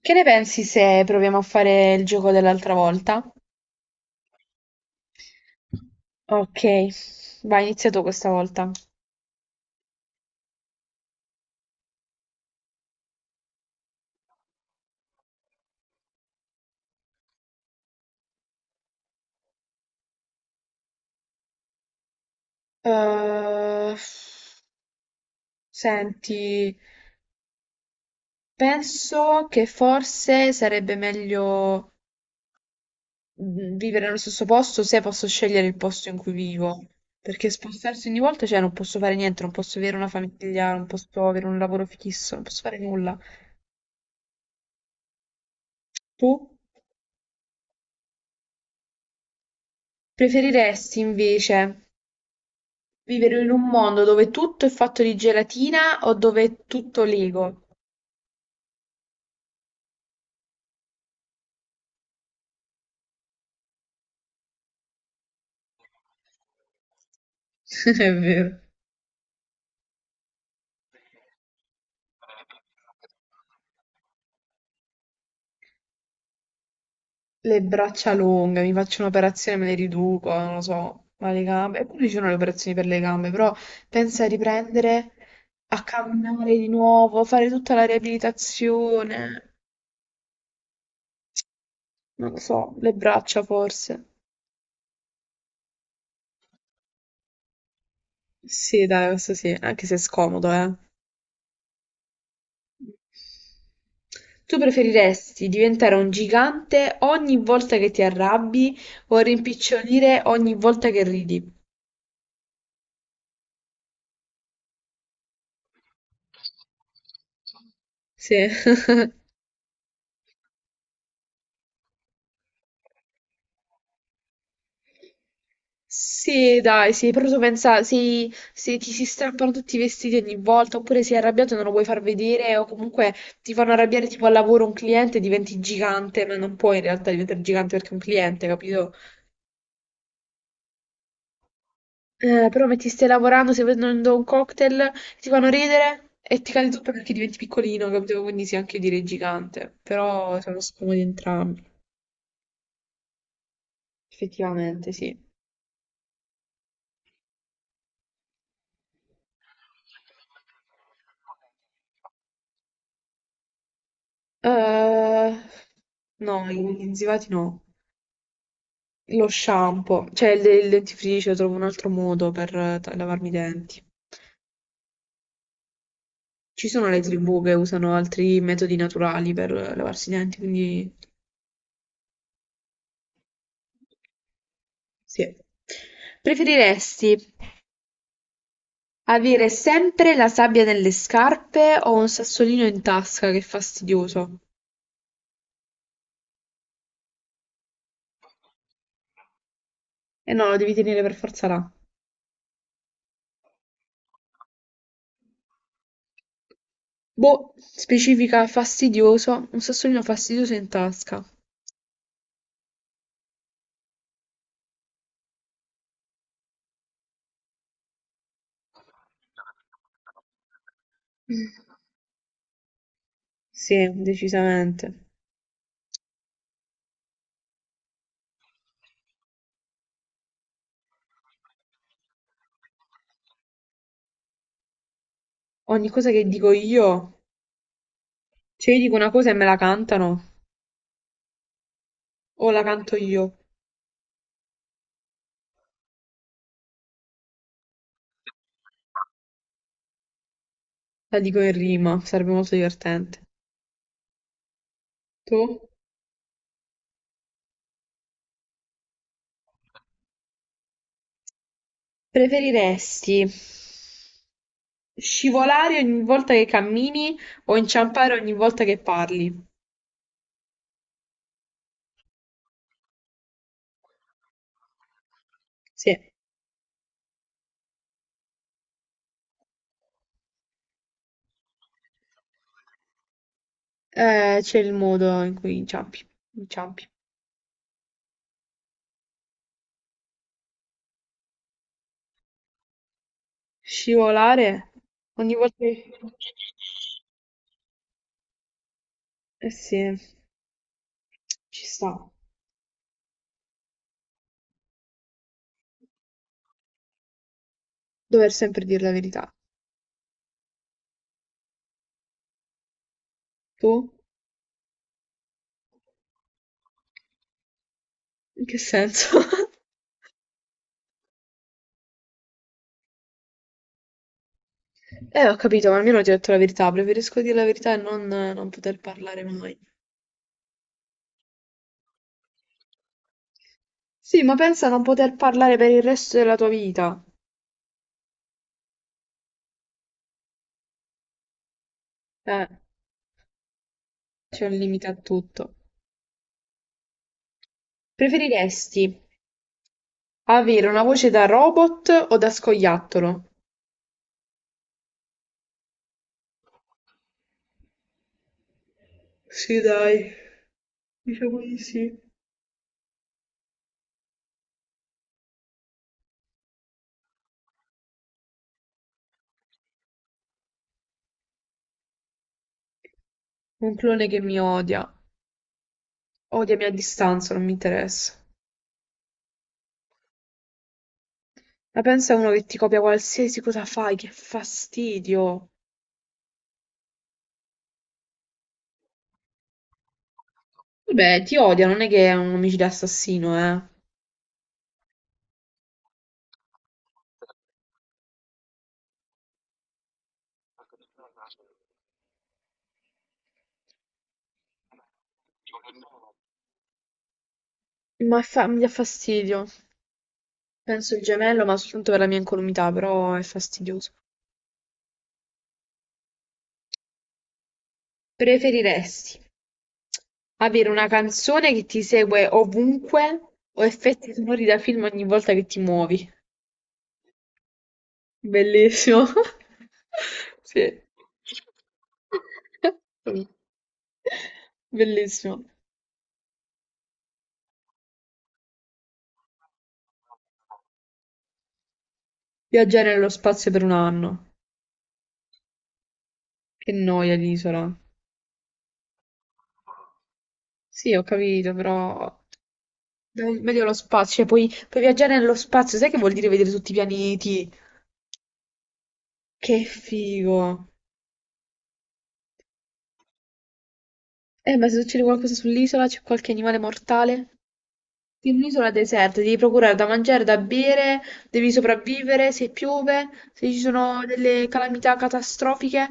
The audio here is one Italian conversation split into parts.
Che ne pensi se proviamo a fare il gioco dell'altra volta? Ok, vai, inizia tu questa volta. Eh, Senti, penso che forse sarebbe meglio vivere nello stesso posto se posso scegliere il posto in cui vivo. Perché spostarsi ogni volta, cioè, non posso fare niente, non posso avere una famiglia, non posso avere un lavoro fisso, non posso fare nulla. Tu preferiresti invece vivere in un mondo dove tutto è fatto di gelatina o dove è tutto Lego. È vero. Le braccia lunghe, mi faccio un'operazione, me le riduco, non lo so, ma le gambe. Eppure ci sono le operazioni per le gambe, però pensa a riprendere a camminare di nuovo, fare tutta la riabilitazione. Non lo so, le braccia forse. Sì, dai, questo sì, anche se è scomodo, eh. Tu preferiresti diventare un gigante ogni volta che ti arrabbi o rimpicciolire ogni volta che ridi? Sì. Sì, dai, sì, però tu pensa, se ti si strappano tutti i vestiti ogni volta, oppure sei arrabbiato e non lo vuoi far vedere, o comunque ti fanno arrabbiare tipo al lavoro un cliente, diventi gigante, ma non puoi in realtà diventare gigante perché è un cliente, capito? Però metti stai lavorando, stai bevendo un cocktail, ti fanno ridere e ti cade tutto perché diventi piccolino, capito? Quindi sì, anche io direi gigante. Però sono scomodi entrambi. Effettivamente, sì. Eh, no, i inzivati no. Lo shampoo, cioè il dentifricio, trovo un altro modo per lavarmi i denti. Ci sono le tribù che usano altri metodi naturali per lavarsi i denti, quindi sì. Preferiresti avere sempre la sabbia nelle scarpe o un sassolino in tasca, che fastidioso. Eh no, lo devi tenere per forza là. Boh, specifica fastidioso, un sassolino fastidioso in tasca. Sì, decisamente. Ogni cosa che dico io, cioè io dico una cosa e me la cantano, o la canto io, la dico in rima, sarebbe molto divertente. Tu? Preferiresti scivolare ogni volta che cammini o inciampare ogni volta che parli? Sì, c'è il modo in cui inciampi. Scivolare ogni volta che... Eh sì, ci sta. Dover sempre dire la verità. Tu? In che senso? Ho capito, ma almeno ti ho detto la verità. Preferisco dire la verità e non poter parlare mai. Sì, ma pensa a non poter parlare per il resto della tua vita. Eh, c'è un limite a tutto. Preferiresti avere una voce da robot o da scoiattolo? Sì, dai, diciamo di sì. Un clone che mi odia, odiami a distanza, non mi interessa. Ma pensa a uno che ti copia qualsiasi cosa fai, che fastidio. Vabbè, ti odia, non è che è un omicida assassino, eh. Ma è mi dà fastidio. Penso il gemello, ma soltanto per la mia incolumità, però è fastidioso. Preferiresti avere una canzone che ti segue ovunque o effetti sonori da film ogni volta che ti muovi? Bellissimo. Sì. Bellissimo. Viaggiare nello spazio per un anno. Che noia l'isola. Sì, ho capito, però... dai, meglio lo spazio, cioè puoi viaggiare nello spazio, sai che vuol dire vedere tutti i pianeti? Che figo. Ma se succede qualcosa sull'isola, c'è qualche animale mortale? In un'isola deserta devi procurare da mangiare, da bere, devi sopravvivere, se piove, se ci sono delle calamità catastrofiche,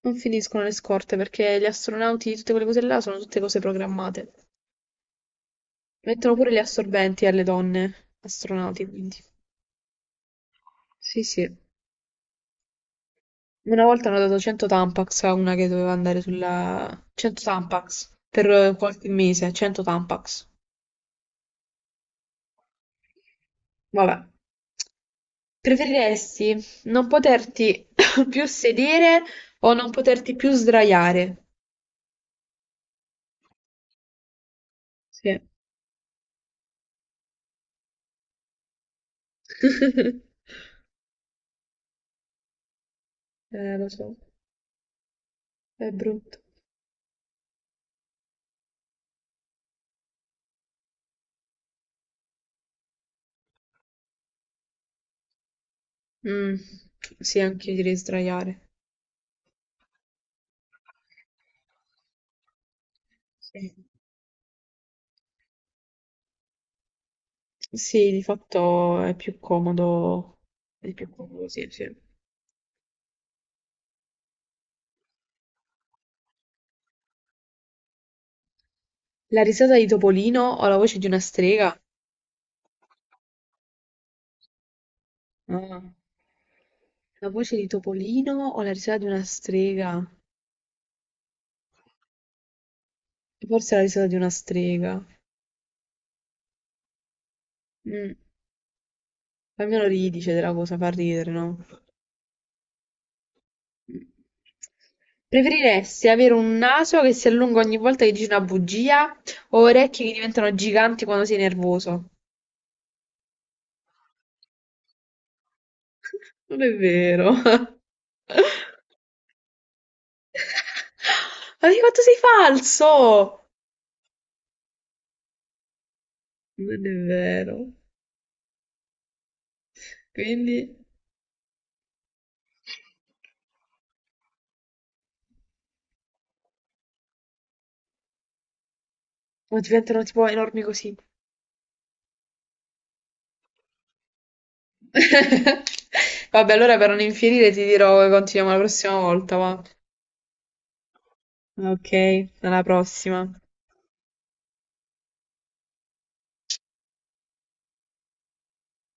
non finiscono le scorte perché gli astronauti, tutte quelle cose là, sono tutte cose programmate. Mettono pure gli assorbenti alle donne astronauti, quindi. Sì, sì. Una volta hanno dato 100 Tampax a una che doveva andare sulla... 100 Tampax per qualche mese, 100 Tampax. Vabbè. Preferiresti non poterti più sedere o non poterti più sdraiare? Sì. Lo so, è brutto. Mm, sì, anche io direi sdraiare. Sì. Sì, di fatto è più comodo. È più comodo, sì, sì. La risata di Topolino o la voce di una strega? Ah. La voce di Topolino o la risata di una strega? Forse la risata di una strega. Mm. Almeno ridi, cioè, della cosa, fa ridere, no? Preferiresti avere un naso che si allunga ogni volta che dici una bugia o orecchie che diventano giganti quando sei nervoso? Non è vero. Ma di quanto sei falso! Non è vero. Quindi... O diventano tipo enormi così. Vabbè, allora per non infierire ti dirò che continuiamo la prossima volta, va. Ok, alla prossima.